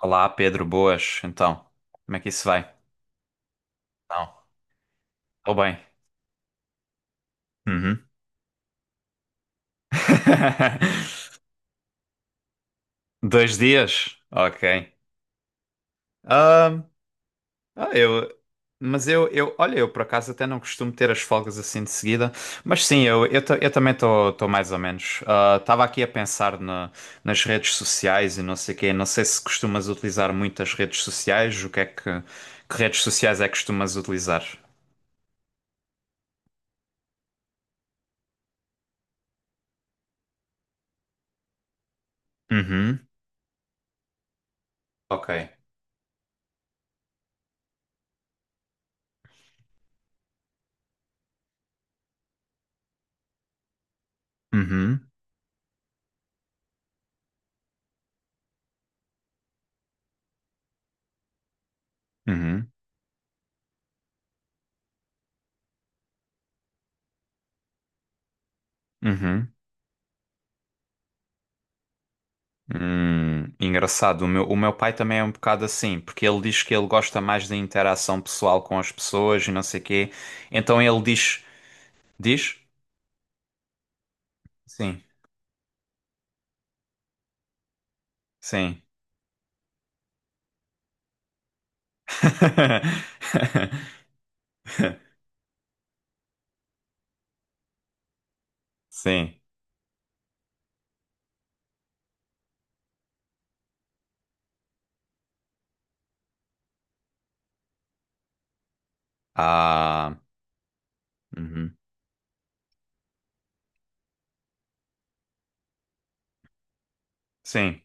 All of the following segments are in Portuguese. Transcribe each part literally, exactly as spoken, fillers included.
Olá, Pedro, boas. Então, como é que isso vai? Não, estou bem. Uhum. Dois dias? Ok. Ah, ah, eu, mas eu, eu, olha, eu por acaso até não costumo ter as folgas assim de seguida, mas sim, eu, eu, ta- eu também estou mais ou menos. Estava aqui a pensar na- nas redes sociais e não sei quê. Não sei se costumas utilizar muito as redes sociais, o que é que, que redes sociais é que costumas utilizar? Uhum. Ok. Uhum. Uhum. Uhum. Hum, engraçado. O meu, o meu pai também é um bocado assim, porque ele diz que ele gosta mais da interação pessoal com as pessoas e não sei quê. Então ele diz, diz? Sim, sim. Sim. Ah, uhum. Sim.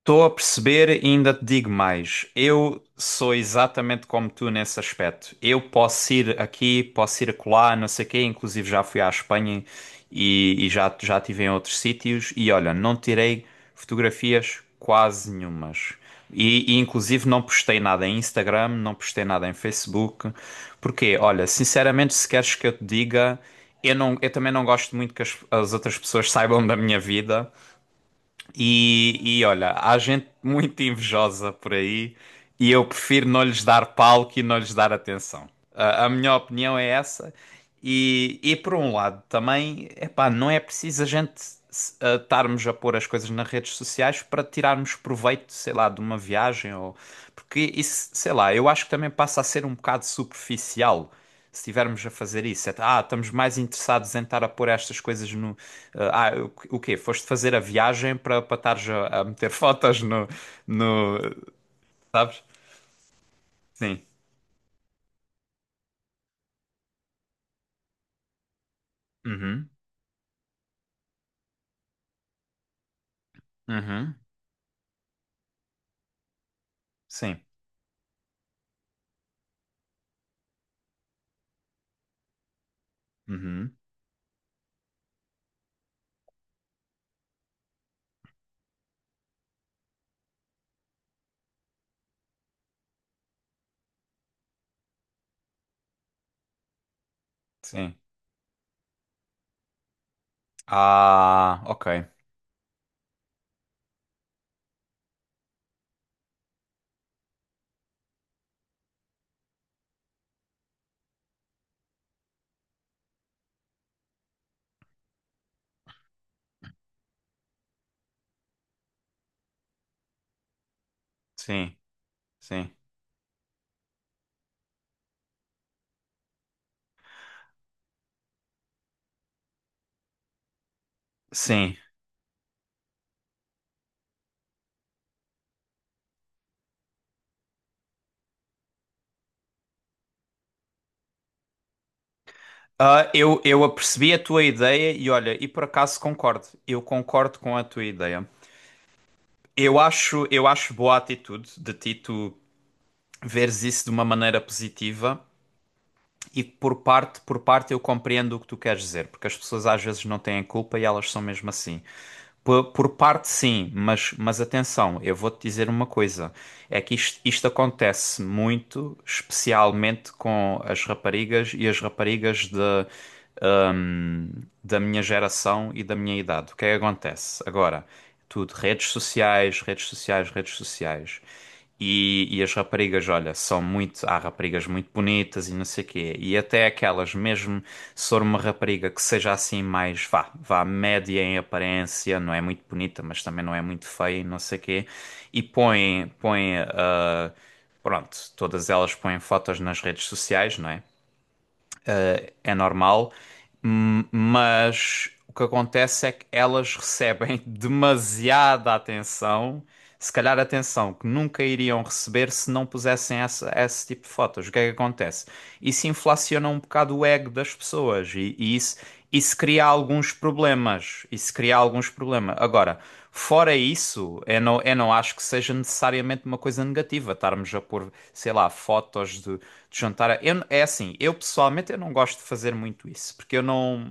Estou a perceber e ainda te digo mais. Eu sou exatamente como tu nesse aspecto. Eu posso ir aqui, posso ir acolá, não sei o quê. Inclusive já fui à Espanha e, e já, já estive em outros sítios. E olha, não tirei fotografias quase nenhumas. E, e inclusive não postei nada em Instagram, não postei nada em Facebook. Porque, olha, sinceramente, se queres que eu te diga, eu não, eu também não gosto muito que as as outras pessoas saibam da minha vida. E, e olha, há gente muito invejosa por aí e eu prefiro não lhes dar palco e não lhes dar atenção. A, a minha opinião é essa. E, e por um lado, também, epá, não é preciso a gente se- a estarmos a pôr as coisas nas redes sociais para tirarmos proveito, sei lá, de uma viagem ou. Porque isso, sei lá, eu acho que também passa a ser um bocado superficial se estivermos a fazer isso, é, ah, estamos mais interessados em estar a pôr estas coisas no. ah, ah, o, o quê? Foste fazer a viagem para para estares a, a meter fotos no, no. Sabes? Sim. Uhum. Uhum. Sim. Uhum. Sim. Ah, ok. Sim. Sim. Sim. Ah, eu, eu apercebi a tua ideia e olha, e por acaso concordo. Eu concordo com a tua ideia. Eu acho, eu acho boa a atitude de ti tu veres isso de uma maneira positiva. E por parte, por parte eu compreendo o que tu queres dizer, porque as pessoas às vezes não têm culpa e elas são mesmo assim. Por, por parte sim, mas, mas atenção, eu vou-te dizer uma coisa, é que isto, isto acontece muito, especialmente com as raparigas e as raparigas de, hum, da minha geração e da minha idade. O que é que acontece? Agora, tudo, redes sociais, redes sociais, redes sociais. E, e as raparigas, olha, são muito. Há raparigas muito bonitas e não sei o quê. E até aquelas, mesmo se for uma rapariga que seja assim mais, vá, vá, média em aparência, não é muito bonita, mas também não é muito feia e não sei o quê. E põe, põe, ah, pronto, todas elas põem fotos nas redes sociais, não é? É normal, hum, mas o que acontece é que elas recebem demasiada atenção, se calhar atenção que nunca iriam receber se não pusessem essa, esse tipo de fotos. O que é que acontece? Isso inflaciona um bocado o ego das pessoas e, e isso, isso cria alguns problemas. Isso cria alguns problemas. Agora, fora isso, eu não, eu não acho que seja necessariamente uma coisa negativa estarmos a pôr, sei lá, fotos de, de jantar. a- Eu, é assim, eu pessoalmente eu não gosto de fazer muito isso, porque eu não.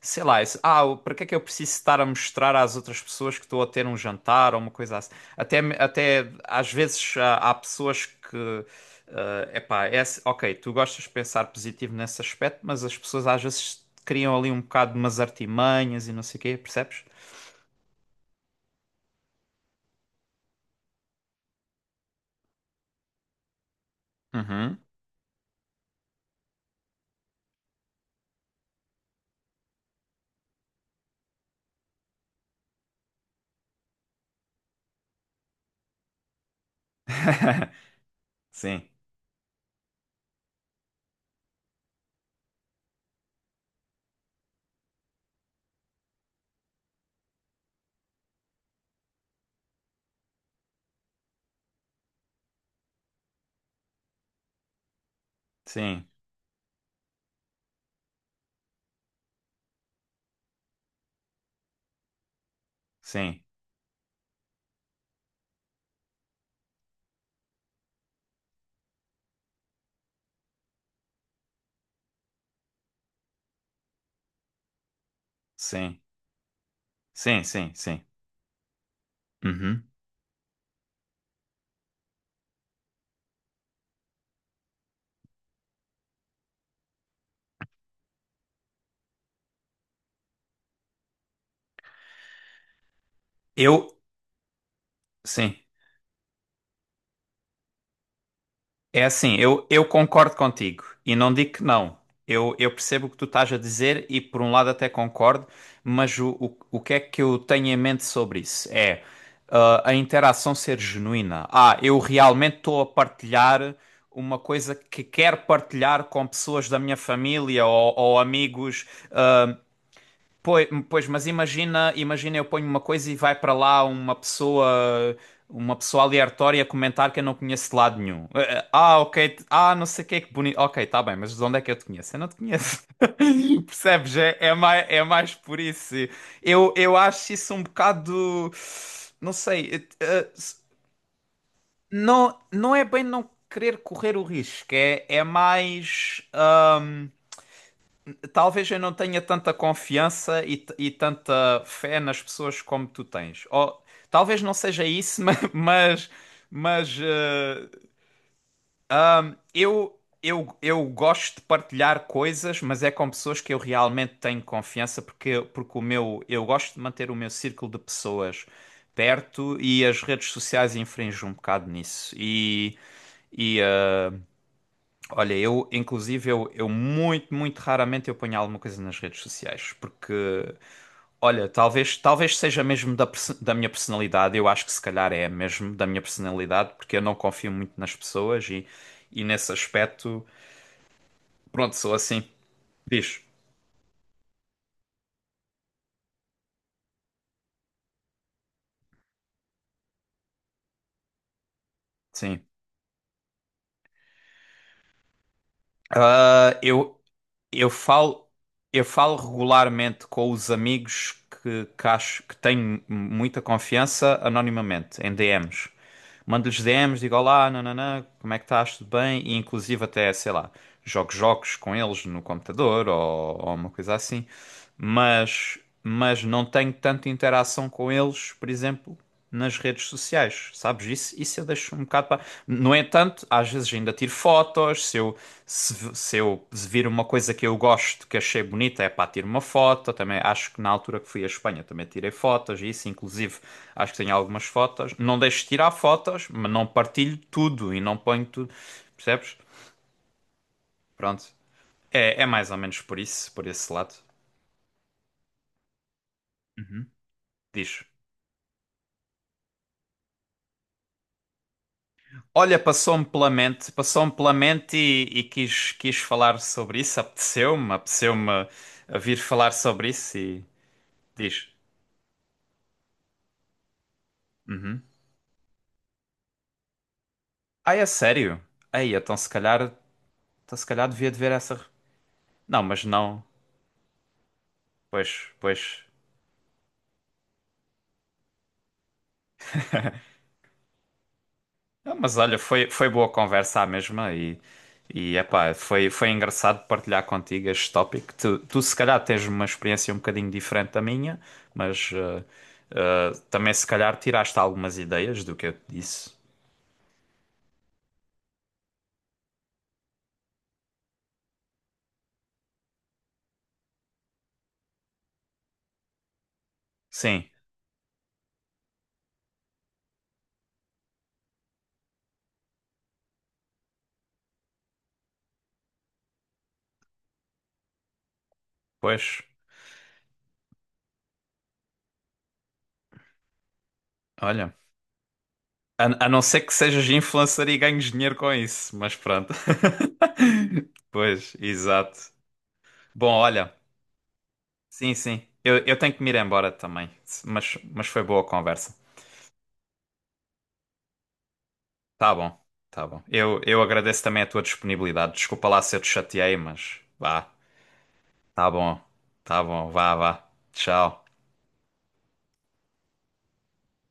Sei lá, isso, ah, o- para que é que eu preciso estar a mostrar às outras pessoas que estou a ter um jantar ou uma coisa assim? Até, me- até às vezes há, há pessoas que. É epá, é, assim, ok, tu gostas de pensar positivo nesse aspecto, mas as pessoas às vezes criam ali um bocado de umas artimanhas e não sei o quê, percebes? Uhum. Sim, sim, sim, sim, sim, sim, sim. Uhum. Eu, sim. É assim, eu, eu concordo contigo e não digo que não. Eu, eu percebo o que tu estás a dizer e por um lado até concordo, mas o, o, o que é que eu tenho em mente sobre isso? É ah, a interação ser genuína. Ah, eu realmente estou a partilhar uma coisa que quero partilhar com pessoas da minha família ou, ou amigos. Pois, pois, mas imagina, imagina eu ponho uma coisa e vai para lá uma pessoa, uma pessoa aleatória comentar que eu não conheço de lado nenhum. Eh, eh, Ah, ok, t- ah, não sei o que é que bonito. Ok, tá bem, mas de onde é que eu te conheço? Eu não te conheço. Percebes? É, é mais, é mais por isso. Eu, eu acho isso um bocado, não sei, eh, eh, s- não, não é bem não querer correr o risco, é, é mais talvez eu não tenha tanta confiança e, t- e tanta fé nas pessoas como tu tens. Ou talvez não seja isso, ma- mas, mas, eh, eu, eu, eu gosto de partilhar coisas, mas é com pessoas que eu realmente tenho confiança, porque, porque o meu, eu gosto de manter o meu círculo de pessoas perto e as redes sociais infringem um bocado nisso. E, e eh, olha, eu inclusive eu, eu muito, muito raramente eu ponho alguma coisa nas redes sociais, porque olha, talvez, talvez seja mesmo da, perso- da minha personalidade. Eu acho que se calhar é mesmo da minha personalidade, porque eu não confio muito nas pessoas e, e nesse aspecto, pronto, sou assim. Diz. Sim. Ah, eu, Eu falo, eu falo regularmente com os amigos que, que acho que tenho muita confiança anonimamente, em D Ms. Mando-lhes D Ms, digo olá, nananã, como é que estás? Tudo bem? E inclusive até, sei lá, jogo jogos com eles no computador ou, ou uma coisa assim. Mas, mas não tenho tanta interação com eles, por exemplo, nas redes sociais, sabes? Isso, isso eu deixo um bocado para. No entanto, às vezes ainda tiro fotos. Se eu, se, se eu vir uma coisa que eu gosto, que achei bonita, é pá, tiro uma foto. Também acho que na altura que fui à Espanha também tirei fotos, e isso, inclusive, acho que tenho algumas fotos. Não deixo de tirar fotos, mas não partilho tudo e não ponho tudo. Percebes? Pronto. É, é mais ou menos por isso, por esse lado. Diz. Olha, passou-me pela mente, passou-me pela mente e, e quis, quis falar sobre isso. Apeteceu-me, apeteceu-me a vir falar sobre isso e diz. Ai, é sério? Aí, então se calhar, então, se calhar devia de ver essa. Não, mas não. Pois, pois. Ah, mas olha, foi, foi boa conversa à mesma e, e epá, foi, foi engraçado partilhar contigo este tópico. Tu, tu se calhar tens uma experiência um bocadinho diferente da minha, mas ah, ah, também se calhar tiraste algumas ideias do que eu te disse. Sim, pois, olha. A, a não ser que sejas influencer e ganhes dinheiro com isso, mas pronto. Pois, exato. Bom, olha, sim, sim. Eu, eu tenho que me ir embora também, mas, mas foi boa a conversa. Tá bom, tá bom. Eu, eu agradeço também a tua disponibilidade. Desculpa lá se eu te chateei, mas vá. Tá bom, tá bom, vá, vá. Tchau.